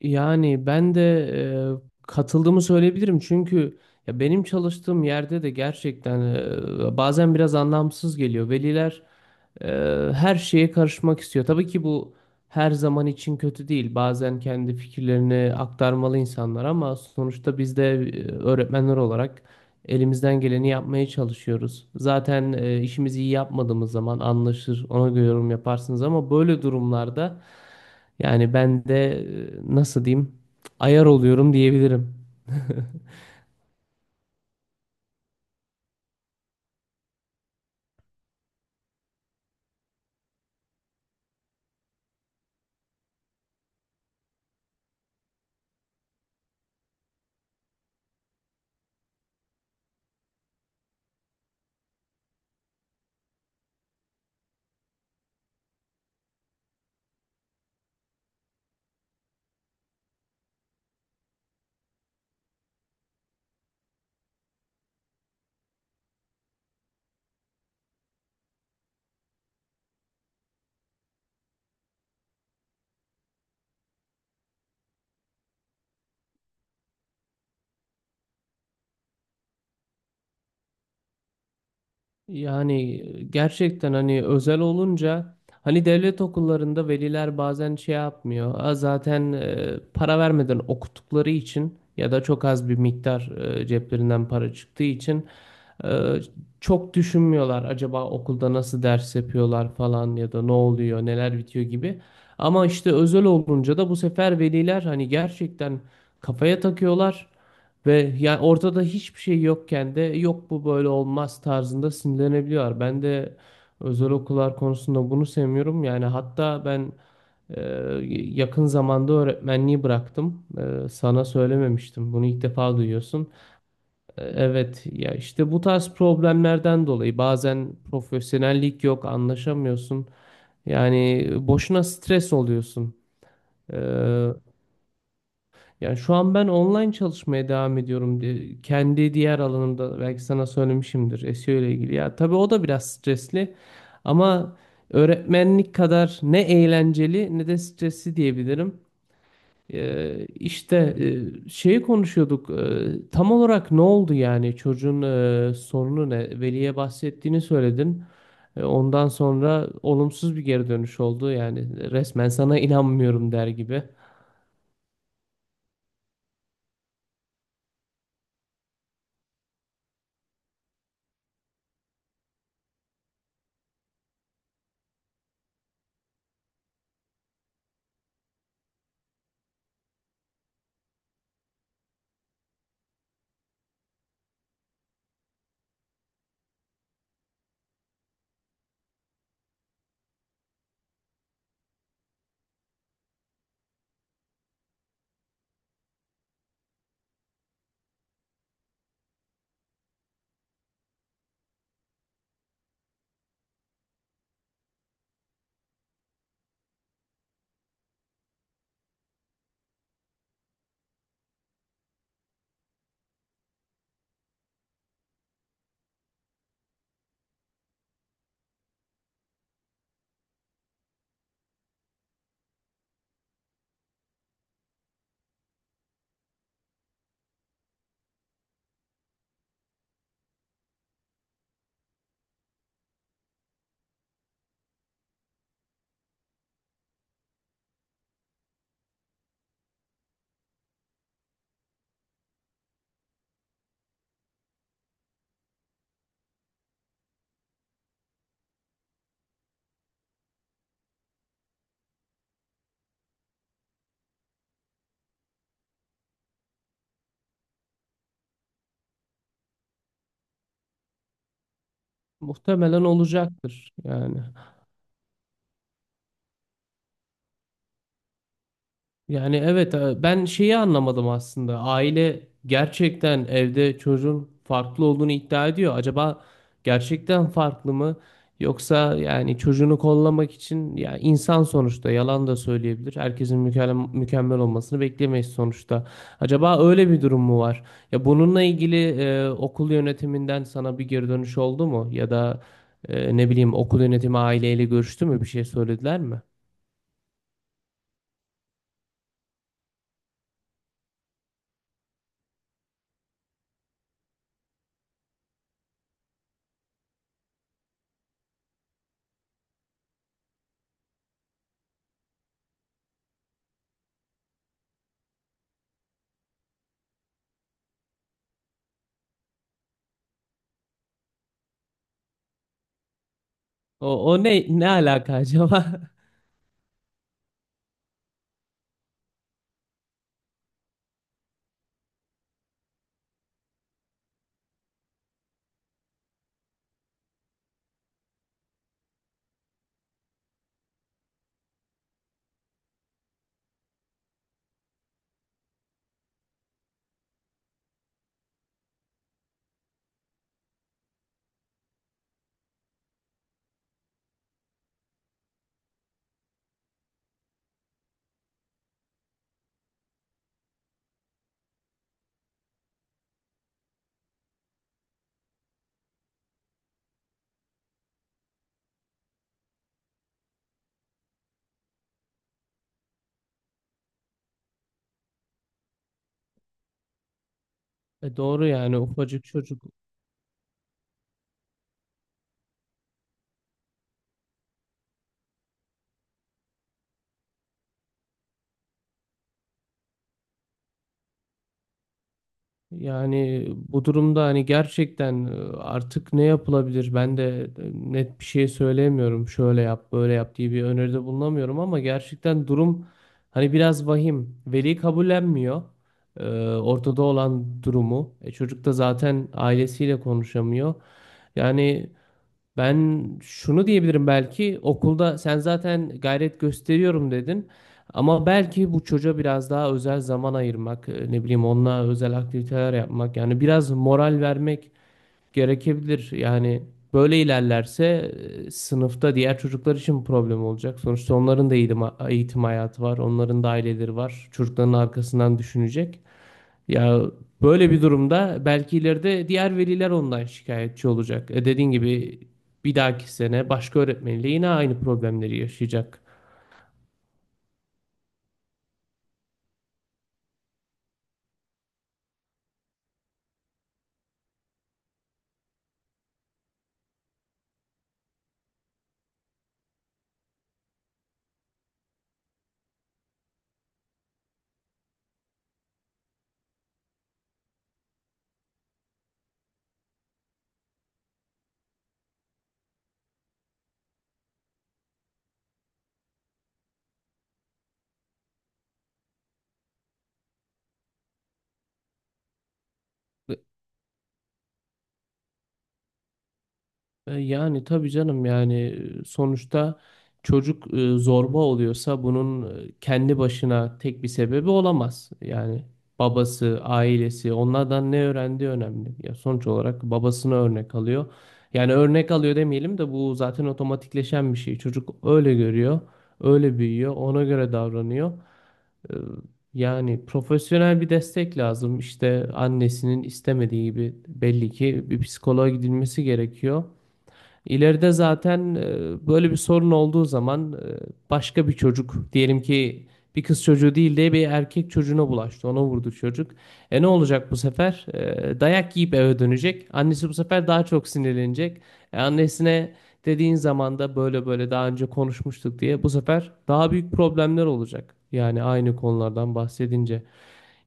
Yani ben de katıldığımı söyleyebilirim çünkü ya benim çalıştığım yerde de gerçekten bazen biraz anlamsız geliyor. Veliler e, her şeye karışmak istiyor. Tabii ki bu her zaman için kötü değil. Bazen kendi fikirlerini aktarmalı insanlar ama sonuçta biz de öğretmenler olarak elimizden geleni yapmaya çalışıyoruz. Zaten işimizi iyi yapmadığımız zaman anlaşır, ona göre yorum yaparsınız ama böyle durumlarda. Yani ben de nasıl diyeyim ayar oluyorum diyebilirim. Yani gerçekten hani özel olunca hani devlet okullarında veliler bazen şey yapmıyor. "Aa, zaten para vermeden okuttukları için ya da çok az bir miktar ceplerinden para çıktığı için e, çok düşünmüyorlar. Acaba okulda nasıl ders yapıyorlar falan ya da ne oluyor, neler bitiyor gibi. Ama işte özel olunca da bu sefer veliler hani gerçekten kafaya takıyorlar. Ve yani ortada hiçbir şey yokken de yok bu böyle olmaz tarzında sinirlenebiliyorlar. Ben de özel okullar konusunda bunu sevmiyorum. Yani hatta ben e, yakın zamanda öğretmenliği bıraktım. Sana söylememiştim. Bunu ilk defa duyuyorsun. Evet ya işte bu tarz problemlerden dolayı bazen profesyonellik yok, anlaşamıyorsun. Yani boşuna stres oluyorsun. E, Yani şu an ben online çalışmaya devam ediyorum diye kendi diğer alanımda belki sana söylemişimdir SEO ile ilgili. Ya tabii o da biraz stresli ama öğretmenlik kadar ne eğlenceli ne de stresli diyebilirim. İşte şeyi konuşuyorduk. Tam olarak ne oldu yani çocuğun sorunu ne? Veli'ye bahsettiğini söyledin. Ondan sonra olumsuz bir geri dönüş oldu. Yani resmen sana inanmıyorum der gibi. Muhtemelen olacaktır yani. Yani evet ben şeyi anlamadım aslında. Aile gerçekten evde çocuğun farklı olduğunu iddia ediyor. Acaba gerçekten farklı mı? Yoksa yani çocuğunu kollamak için ya insan sonuçta yalan da söyleyebilir. Herkesin mükemmel, mükemmel olmasını beklemeyiz sonuçta. Acaba öyle bir durum mu var? Ya bununla ilgili okul yönetiminden sana bir geri dönüş oldu mu? Ya da ne bileyim okul yönetimi aileyle görüştü mü? Bir şey söylediler mi? O, o ne ne alaka acaba? E doğru yani ufacık çocuk. Yani bu durumda hani gerçekten artık ne yapılabilir? Ben de net bir şey söyleyemiyorum. Şöyle yap, böyle yap diye bir öneride bulunamıyorum ama gerçekten durum hani biraz vahim. Veli kabullenmiyor. Ortada olan durumu. E, çocuk da zaten ailesiyle konuşamıyor. Yani ben şunu diyebilirim belki okulda sen zaten gayret gösteriyorum dedin ama belki bu çocuğa biraz daha özel zaman ayırmak ne bileyim onunla özel aktiviteler yapmak yani biraz moral vermek gerekebilir. Yani böyle ilerlerse sınıfta diğer çocuklar için problem olacak. Sonuçta onların da eğitim hayatı var, onların da aileleri var. Çocukların arkasından düşünecek. Ya böyle bir durumda belki ileride diğer veliler ondan şikayetçi olacak. E dediğin gibi bir dahaki sene başka öğretmenle yine aynı problemleri yaşayacak. Yani tabii canım yani sonuçta çocuk zorba oluyorsa bunun kendi başına tek bir sebebi olamaz. Yani babası, ailesi onlardan ne öğrendiği önemli. Ya sonuç olarak babasını örnek alıyor. Yani örnek alıyor demeyelim de bu zaten otomatikleşen bir şey. Çocuk öyle görüyor, öyle büyüyor, ona göre davranıyor. E, Yani profesyonel bir destek lazım. İşte annesinin istemediği gibi belli ki bir psikoloğa gidilmesi gerekiyor. İleride zaten böyle bir sorun olduğu zaman başka bir çocuk diyelim ki bir kız çocuğu değil de bir erkek çocuğuna bulaştı. Ona vurdu çocuk. E ne olacak bu sefer? E, dayak yiyip eve dönecek. Annesi bu sefer daha çok sinirlenecek. Annesine dediğin zaman da böyle böyle daha önce konuşmuştuk diye bu sefer daha büyük problemler olacak. Yani aynı konulardan bahsedince.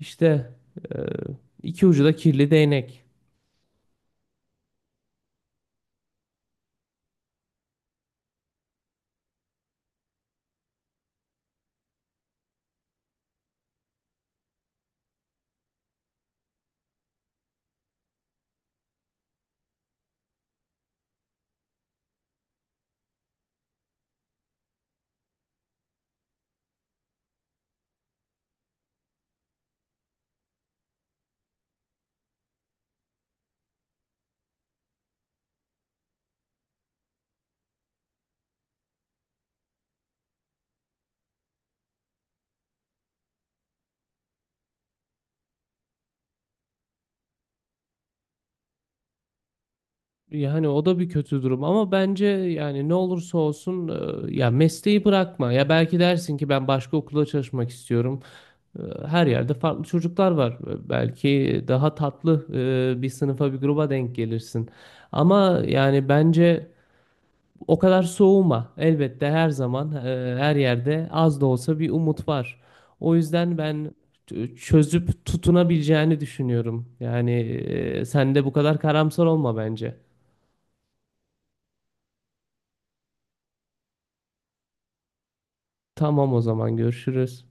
İşte e, iki ucu da kirli değnek. Yani o da bir kötü durum ama bence yani ne olursa olsun ya mesleği bırakma. Ya belki dersin ki ben başka okulda çalışmak istiyorum. E, Her yerde farklı çocuklar var. E, belki daha tatlı bir sınıfa bir gruba denk gelirsin. Ama yani bence o kadar soğuma. Elbette her zaman her yerde az da olsa bir umut var. O yüzden ben çözüp tutunabileceğini düşünüyorum. Yani sen de bu kadar karamsar olma bence. Tamam, o zaman görüşürüz.